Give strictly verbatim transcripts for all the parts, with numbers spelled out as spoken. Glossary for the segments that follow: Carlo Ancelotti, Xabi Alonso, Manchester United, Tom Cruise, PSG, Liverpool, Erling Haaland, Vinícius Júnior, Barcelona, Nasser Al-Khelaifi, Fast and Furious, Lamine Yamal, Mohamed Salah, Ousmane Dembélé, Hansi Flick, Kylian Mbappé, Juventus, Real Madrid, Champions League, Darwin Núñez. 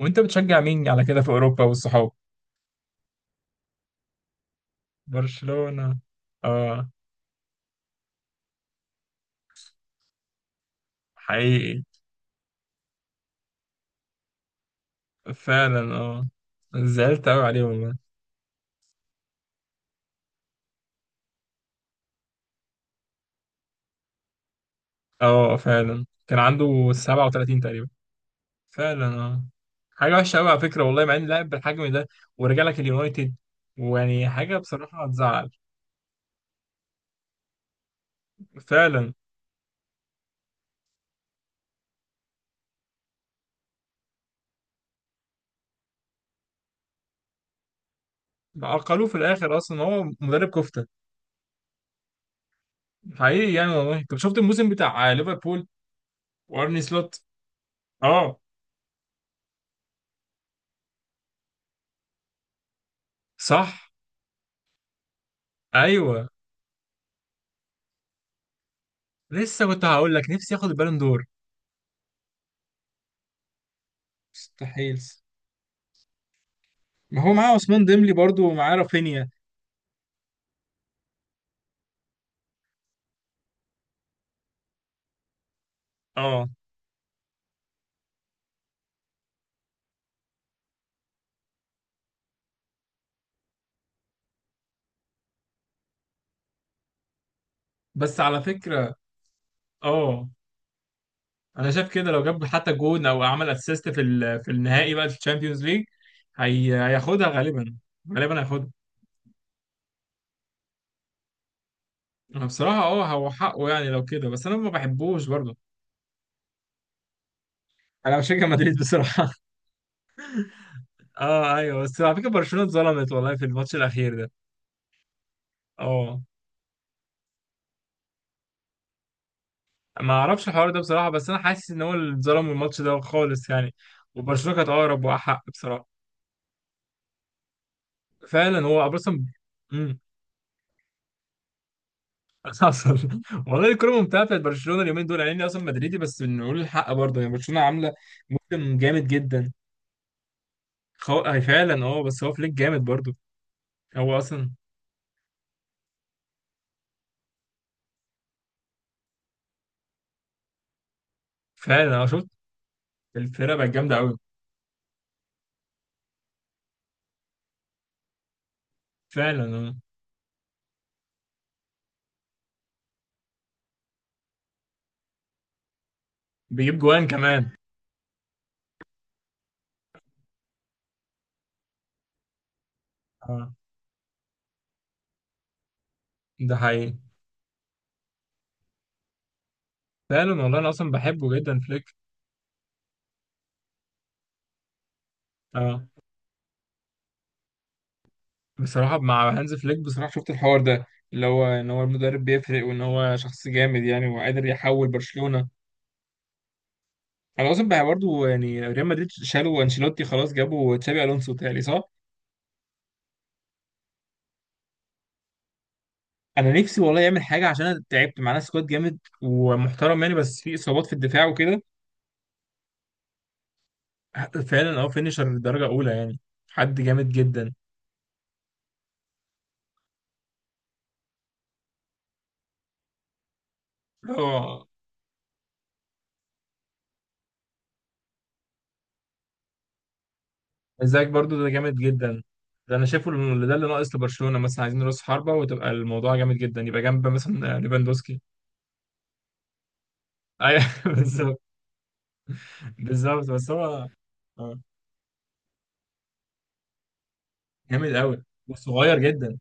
وانت بتشجع مين على كده في اوروبا والصحاب؟ برشلونة. اه، حقيقي. فعلا اه. زعلت قوي عليه والله. اه فعلا كان عنده سبعة وثلاثين تقريبا. فعلا اه. حاجة وحشة قوي على فكرة والله، مع ان لاعب بالحجم ده ورجع لك اليونايتد، ويعني حاجة بصراحة هتزعل. فعلا. عقلوه في الاخر، اصلا هو مدرب كفتة. حقيقي يعني والله. انت شفت الموسم بتاع ليفربول وارني سلوت؟ اه صح. ايوه، لسه كنت هقول لك نفسي ياخد البالون دور. مستحيل. ما هو معاه عثمان ديمبلي برضو ومعاه رافينيا. اه بس على فكرة، اه انا شايف كده لو جاب حتى جون او عمل اسيست في ال- في النهائي بقى في الشامبيونز ليج، هي هياخدها غالبا. غالبا هياخدها. انا بصراحة اه هو حقه يعني لو كده، بس انا ما بحبوش برضو. انا بشجع مدريد بصراحة. اه ايوه، بس على فكرة برشلونة اتظلمت والله في الماتش الاخير ده. اه ما اعرفش الحوار ده بصراحة، بس انا حاسس ان هو اللي اتظلم من الماتش ده خالص يعني. وبرشلونة كانت اقرب واحق بصراحة. فعلا هو اصلا. امم. حصل. والله الكوره ممتعه بتاعت برشلونه اليومين دول، يعني اني اصلا مدريدي بس نقول الحق برضه، يعني برشلونه عامله موسم جامد جدا. خو... هي فعلا اه، بس هو فليك جامد برضه. هو اصلا. فعلا اه شفت. الفرقه بقت جامده قوي. فعلا اه. بيجيب جوان كمان. اه ده حقيقي. فعلا والله انا اصلا بحبه جدا فليك. اه بصراحه مع هانز فليك، بصراحه شفت الحوار ده اللي هو ان هو المدرب بيفرق، وان هو شخص جامد يعني وقادر يحول برشلونه. انا اصلا بقى برضه يعني ريال مدريد شالوا انشيلوتي خلاص، جابوا تشابي الونسو تاني صح. انا نفسي والله يعمل حاجه، عشان انا تعبت. معانا سكواد جامد ومحترم يعني، بس في اصابات في الدفاع وكده. فعلا اه. فينيشر درجه اولى يعني. حد جامد جدا. اه ازيك برضه، ده جامد جدا. ده انا شايفه اللي ده اللي ناقص لبرشلونه، مثلا عايزين راس حربه وتبقى الموضوع جامد جدا، يبقى جنب مثلا ليفاندوسكي. ايوه بالظبط. بالظبط، بس هو آه، جامد قوي وصغير جدا.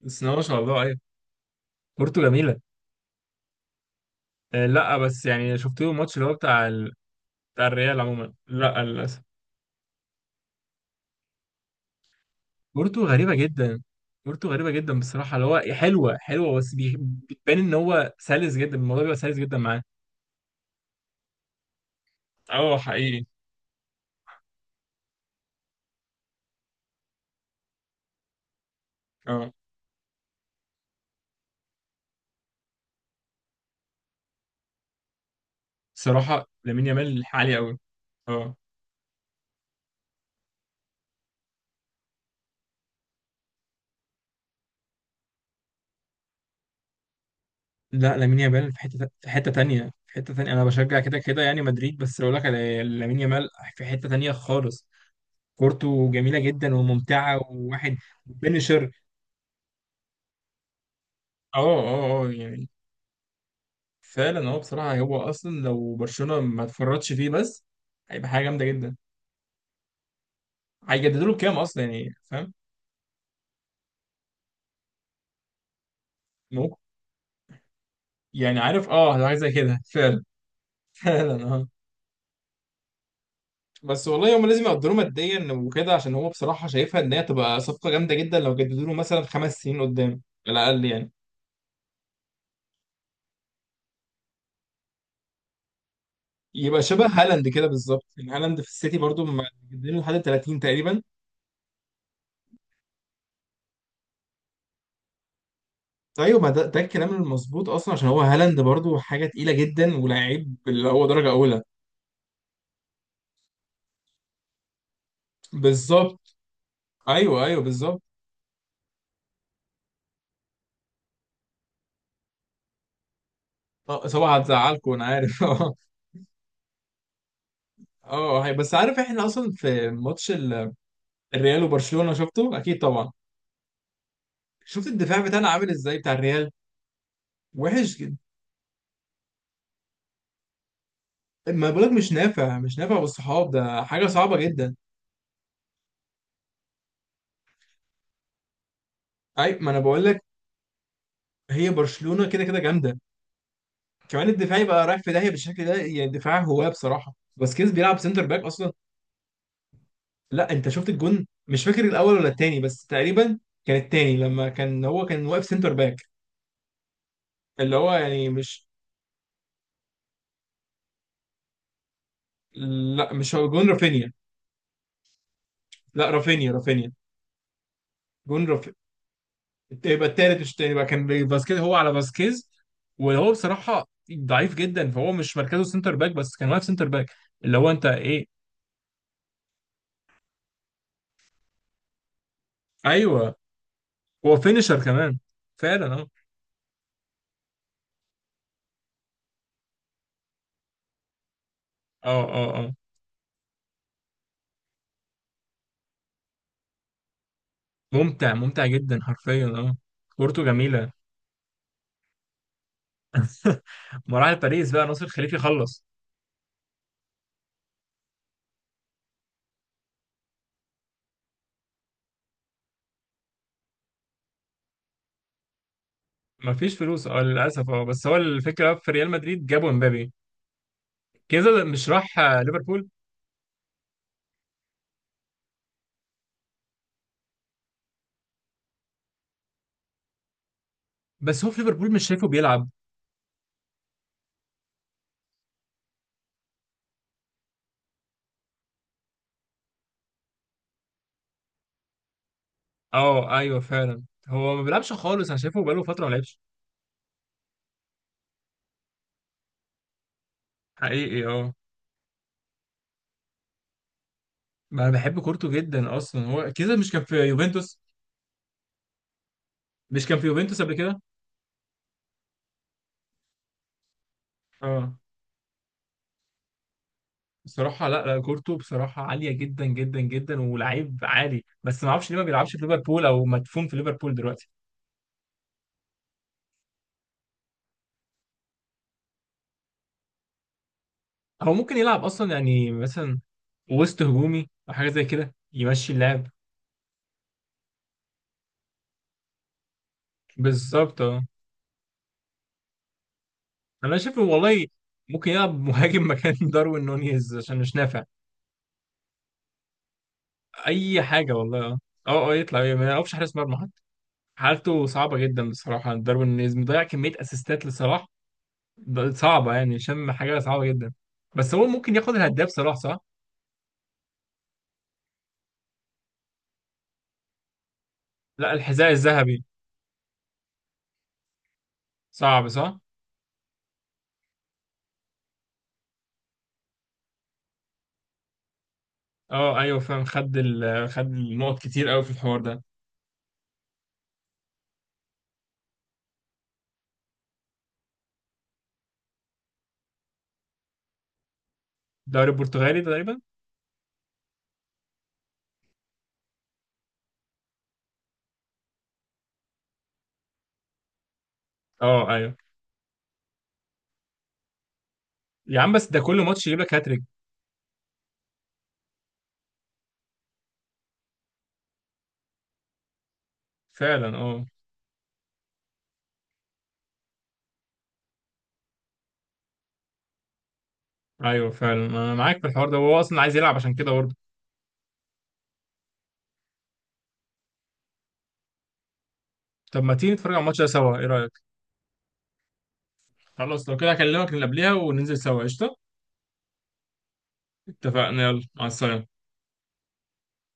بس إن هو ما شاء الله، ايوه. كورته جميله. آه، لا بس يعني شفت له الماتش اللي هو بتاع ال... بتاع الريال عموما، لا للاسف. كورته غريبه جدا. كورته غريبه جدا بصراحه، اللي هو حلوه حلوه بس بي- بتبان ان هو سلس جدا، الموضوع بيبقى سلس جدا معاه. اه حقيقي اه. بصراحه لامين يامال عالي قوي. اه. لا لامين يامال في حته، في حته تانية، في حته تانية. انا بشجع كده كده يعني مدريد، بس اقول لك على لامين يامال في حته تانية خالص. كورته جميله جدا وممتعه، وواحد بنشر. اه اه اه يعني. فعلا هو بصراحة، هو أصلا لو برشلونة ما اتفرطش فيه بس، هيبقى حاجة جامدة جدا. هيجددوا له كام أصلا يعني، فاهم؟ ممكن. يعني عارف اه، حاجة زي كده فعلا. فعلا اه. بس والله هم لازم يقدروا ماديا وكده، عشان هو بصراحة شايفها إن هي تبقى صفقة جامدة جدا لو جددوا له مثلا خمس سنين قدام، على الأقل يعني. يبقى شبه هالاند كده بالظبط، يعني هالاند في السيتي برضو مجددين لحد ثلاثين تقريبا. ايوه ما ده, ده الكلام المظبوط اصلا، عشان هو هالاند برضو حاجه تقيله جدا ولاعيب اللي هو درجه اولى. بالظبط. ايوه ايوه بالظبط. آه، طبعا هتزعلكم انا عارف. اه اه. هي- بس عارف احنا اصلا في ماتش ال- الريال وبرشلونه شفته اكيد طبعا. شفت الدفاع بتاعنا عامل ازاي بتاع الريال؟ وحش جدا. ما بقولك مش نافع، مش نافع بالصحاب ده حاجه صعبه جدا. اي ما انا بقول لك. هي برشلونه كده كده جامده، كمان الدفاع يبقى رايح في داهيه بالشكل ده، يعني دفاع هواه بصراحه. باسكيز بيلعب سنتر باك اصلا. لا انت شفت الجون، مش فاكر الاول ولا التاني بس تقريبا، كان التاني لما كان هو كان واقف سنتر باك. اللي هو يعني مش، لا مش هو جون رافينيا. لا رافينيا، رافينيا. جون رافينيا. يبقى التالت مش التاني بقى، كان فاسكيز هو على فاسكيز. وهو بصراحة ضعيف جدا، فهو مش مركزه سنتر باك بس كان واقف سنتر باك. اللي هو انت ايه. ايوه. هو فينيشر كمان. فعلا اه. اه اه اه. ممتع، ممتع جدا حرفيا اه. كورته جميلة. مراحل باريس بقى، ناصر خليفي خلص. مفيش فلوس اه للأسف. اه بس هو الفكرة في ريال مدريد، جابوا امبابي كده مش راح آه، ليفربول. بس هو في ليفربول مش شايفه بيلعب. اه ايوه فعلا. هو ما بيلعبش خالص، انا شايفه بقاله فتره ما لعبش. حقيقي اه. ما انا بحب كورته جدا اصلا. هو كده مش كان في يوفنتوس؟ مش كان في يوفنتوس قبل كده؟ اه. بصراحه لا لا، كورته بصراحه عاليه جدا جدا جدا ولعيب عالي، بس ما اعرفش ليه ما بيلعبش في ليفربول او مدفون في ليفربول دلوقتي. هو ممكن يلعب اصلا يعني، مثلا وسط هجومي او حاجه زي كده، يمشي اللعب. بالظبط اه. انا شايفه والله. ممكن يلعب مهاجم مكان داروين نونيز عشان مش نافع. اي حاجه والله اه. اه اه يطلع إيه، ما يعرفش حارس مرمى حتى. حالته صعبه جدا بصراحه. داروين نيز مضيع كميه اسيستات لصلاح. ب- صعبه يعني، شم حاجه صعبه جدا. بس هو ممكن ياخد الهداف صلاح صح. لا الحذاء الذهبي. صعب صح. اه ايوه فاهم. خد ال... خد النقط كتير قوي في الحوار ده. الدوري البرتغالي تقريبا. اه ايوه. يا عم بس ده كل ماتش يجيب لك هاتريك. فعلا اه. ايوه فعلا انا معاك في الحوار ده، وهو اصلا عايز يلعب عشان كده برضه. طب ما تيجي نتفرج على الماتش ده سوا، ايه رايك؟ خلاص لو كده هكلمك اللي قبلها وننزل سوا قشطة. اتفقنا، يلا مع السلامة.